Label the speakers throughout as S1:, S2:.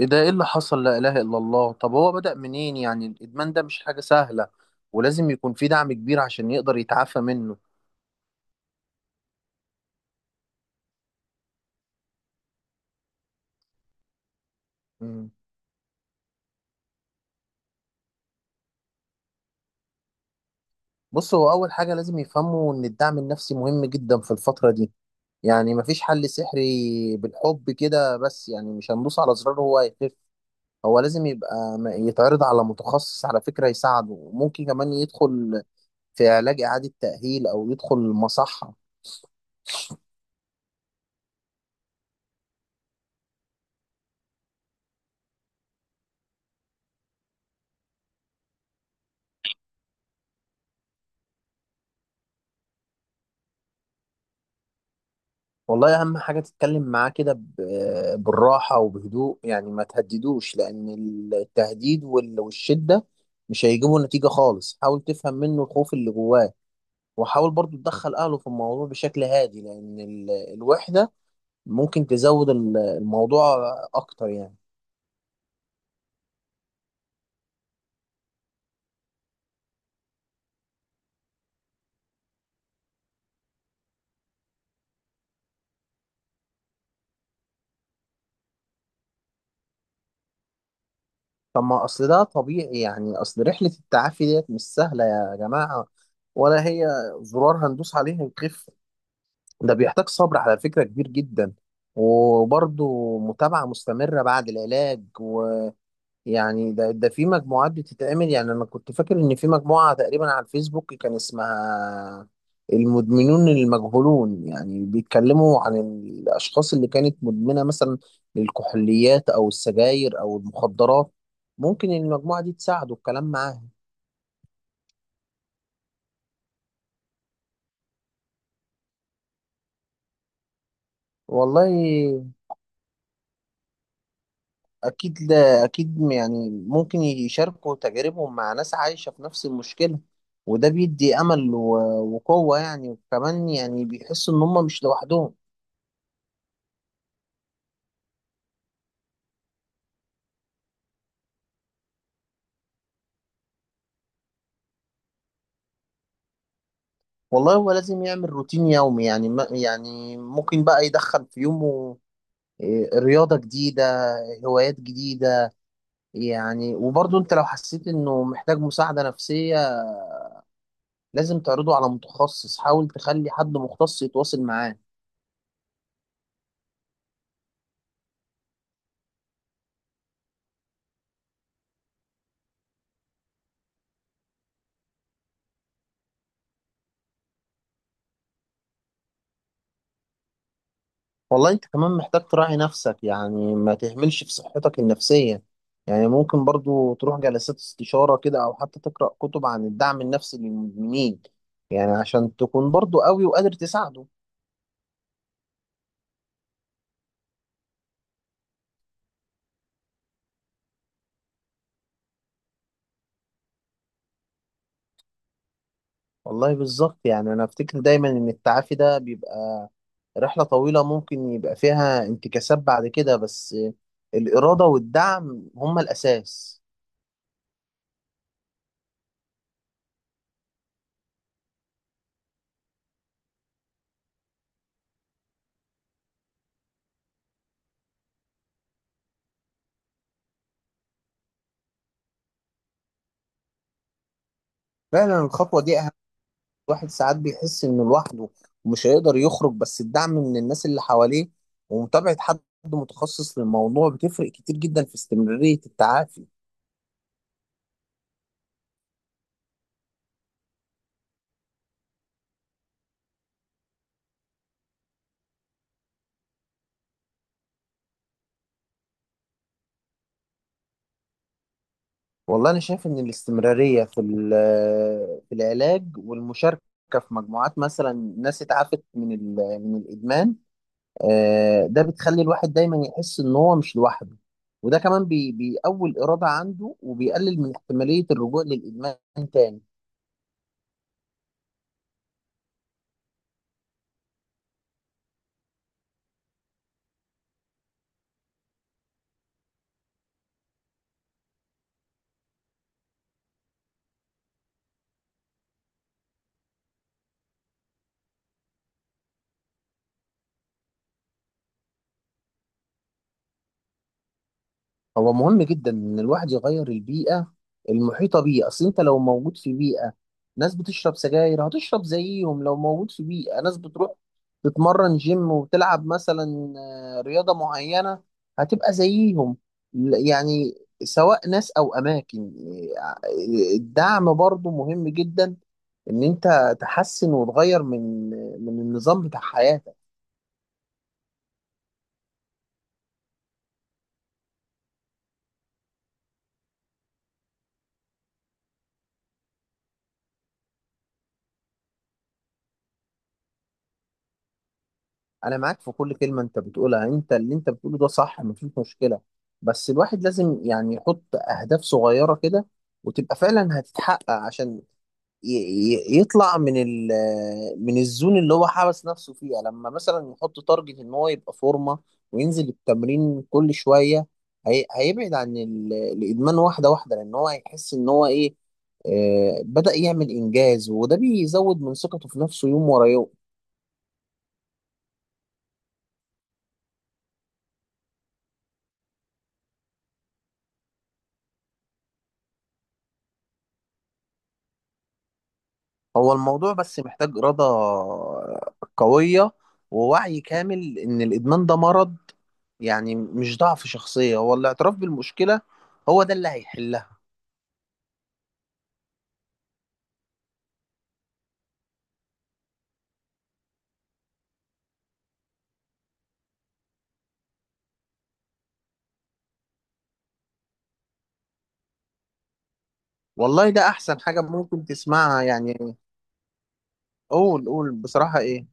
S1: ايه ده، ايه اللي حصل؟ لا اله الا الله. طب هو بدأ منين يعني؟ الادمان ده مش حاجة سهلة، ولازم يكون في دعم كبير عشان يقدر يتعافى منه. مم. بص، هو اول حاجة لازم يفهموا ان الدعم النفسي مهم جدا في الفترة دي. يعني مفيش حل سحري بالحب كده، بس يعني مش هندوس على زرار هو هيخف. هو لازم يبقى يتعرض على متخصص على فكرة يساعده، وممكن كمان يدخل في علاج إعادة تأهيل أو يدخل مصحة. والله اهم حاجه تتكلم معاه كده بالراحه وبهدوء، يعني ما تهددوش، لان التهديد والشده مش هيجيبوا نتيجه خالص. حاول تفهم منه الخوف اللي جواه، وحاول برضو تدخل اهله في الموضوع بشكل هادي، لان الوحده ممكن تزود الموضوع اكتر يعني. طب ما اصل ده طبيعي، يعني اصل رحله التعافي ديت مش سهله يا جماعه، ولا هي زرار هندوس عليه هيخف. ده بيحتاج صبر على فكرة كبير جدا، وبرضه متابعة مستمرة بعد العلاج. ويعني ده في مجموعات بتتعمل. يعني أنا كنت فاكر إن في مجموعة تقريبا على الفيسبوك كان اسمها المدمنون المجهولون، يعني بيتكلموا عن الأشخاص اللي كانت مدمنة مثلا للكحوليات أو السجاير أو المخدرات. ممكن المجموعة دي تساعده الكلام معاها. والله أكيد، لا أكيد، يعني ممكن يشاركوا تجاربهم مع ناس عايشة في نفس المشكلة، وده بيدي أمل وقوة يعني. وكمان يعني بيحسوا إن هم مش لوحدهم. والله هو لازم يعمل روتين يومي، يعني ما يعني ممكن بقى يدخل في يومه إيه، رياضة جديدة، هوايات جديدة. يعني وبرضه أنت لو حسيت إنه محتاج مساعدة نفسية لازم تعرضه على متخصص، حاول تخلي حد مختص يتواصل معاه. والله انت كمان محتاج تراعي نفسك، يعني ما تهملش في صحتك النفسية. يعني ممكن برضو تروح جلسات استشارة كده، او حتى تقرأ كتب عن الدعم النفسي للمدمنين، يعني عشان تكون برضو قوي وقادر تساعده. والله بالظبط. يعني انا افتكر دايما ان التعافي ده بيبقى رحلة طويلة، ممكن يبقى فيها انتكاسات بعد كده، بس الإرادة والدعم هما الأساس. فعلا الخطوة دي، الواحد ساعات بيحس انه لوحده ومش هيقدر يخرج، بس الدعم من الناس اللي حواليه ومتابعة حد متخصص للموضوع بتفرق كتير جدا في استمرارية التعافي. والله انا شايف ان الاستمرارية في في العلاج والمشاركة في مجموعات مثلا ناس اتعافت من من الادمان، ده بتخلي الواحد دايما يحس ان هو مش لوحده، وده كمان بيقوي الإرادة عنده وبيقلل من احتمالية الرجوع للإدمان تاني. هو مهم جدا ان الواحد يغير البيئه المحيطه بيه. اصل انت لو موجود في بيئه ناس بتشرب سجاير هتشرب زيهم، لو موجود في بيئه ناس بتروح تتمرن جيم وتلعب مثلا رياضه معينه هتبقى زيهم. يعني سواء ناس او اماكن، آه، الدعم برضو مهم جدا، ان انت تحسن وتغير من من النظام بتاع حياتك. انا معاك في كل كلمه انت بتقولها. انت اللي انت بتقوله ده صح، مفيش مشكله، بس الواحد لازم يعني يحط اهداف صغيره كده وتبقى فعلا هتتحقق، عشان يطلع من ال، من الزون اللي هو حبس نفسه فيها. لما مثلا يحط تارجت ان هو يبقى فورمه وينزل التمرين كل شويه، هي هيبعد عن الادمان واحده واحده، لان هو هيحس ان هو ايه، بدأ يعمل انجاز، وده بيزود من ثقته في نفسه يوم ورا يوم. هو الموضوع بس محتاج إرادة قوية، ووعي كامل إن الإدمان ده مرض، يعني مش ضعف شخصية. هو الاعتراف بالمشكلة هو ده اللي هيحلها. والله ده أحسن حاجة ممكن تسمعها يعني. قول، قول بصراحة إيه.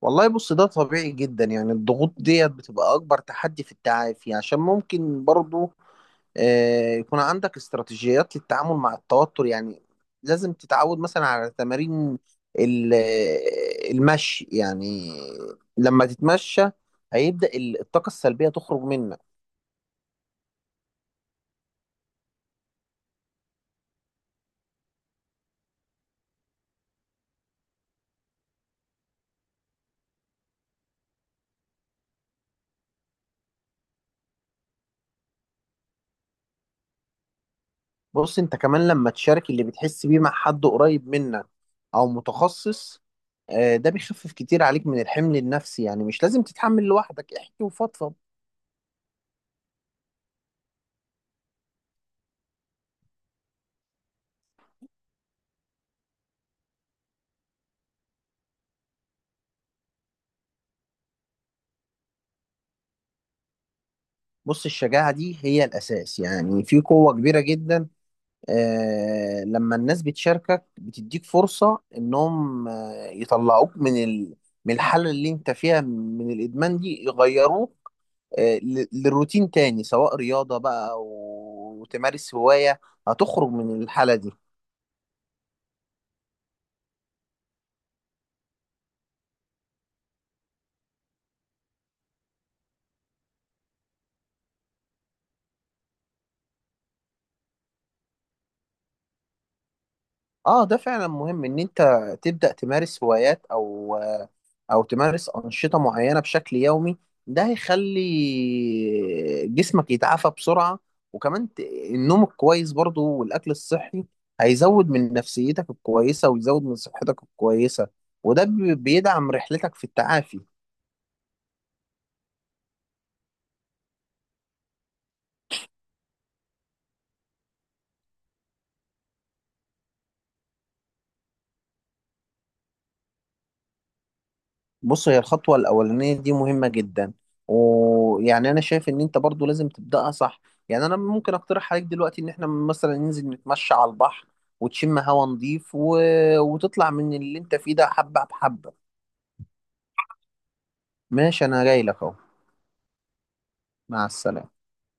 S1: والله بص، ده طبيعي جدا. يعني الضغوط ديت بتبقى أكبر تحدي في التعافي، عشان ممكن برضو يكون عندك استراتيجيات للتعامل مع التوتر. يعني لازم تتعود مثلا على تمارين المشي يعني، لما تتمشى هيبدأ الطاقة السلبية تخرج منك. بص انت كمان لما تشارك اللي بتحس بيه مع حد قريب منك او متخصص، ده بيخفف كتير عليك من الحمل النفسي. يعني مش لازم تتحمل لوحدك، احكي وفضفض. بص الشجاعة دي هي الأساس، يعني في قوة كبيرة جدا. لما الناس بتشاركك بتديك فرصة إنهم يطلعوك من ال، من الحالة اللي أنت فيها من الإدمان دي يغيروه للروتين تاني، سواء رياضة بقى أو تمارس هواية هتخرج من الحالة دي. اه ده فعلا مهم ان انت تبدأ تمارس هوايات او او تمارس أنشطة معينة بشكل يومي، ده هيخلي جسمك يتعافى بسرعة. وكمان النوم الكويس برضو والاكل الصحي هيزود من نفسيتك الكويسة ويزود من صحتك الكويسة، وده بيدعم رحلتك في التعافي. بص هي الخطوة الأولانية دي مهمة جدا، ويعني أنا شايف إن أنت برضو لازم تبدأها صح. يعني أنا ممكن أقترح عليك دلوقتي إن إحنا مثلا ننزل نتمشى على البحر، وتشم هوا نضيف، و، وتطلع من اللي أنت فيه ده حبة بحبة. ماشي، أنا جاي لك أهو. مع السلامة.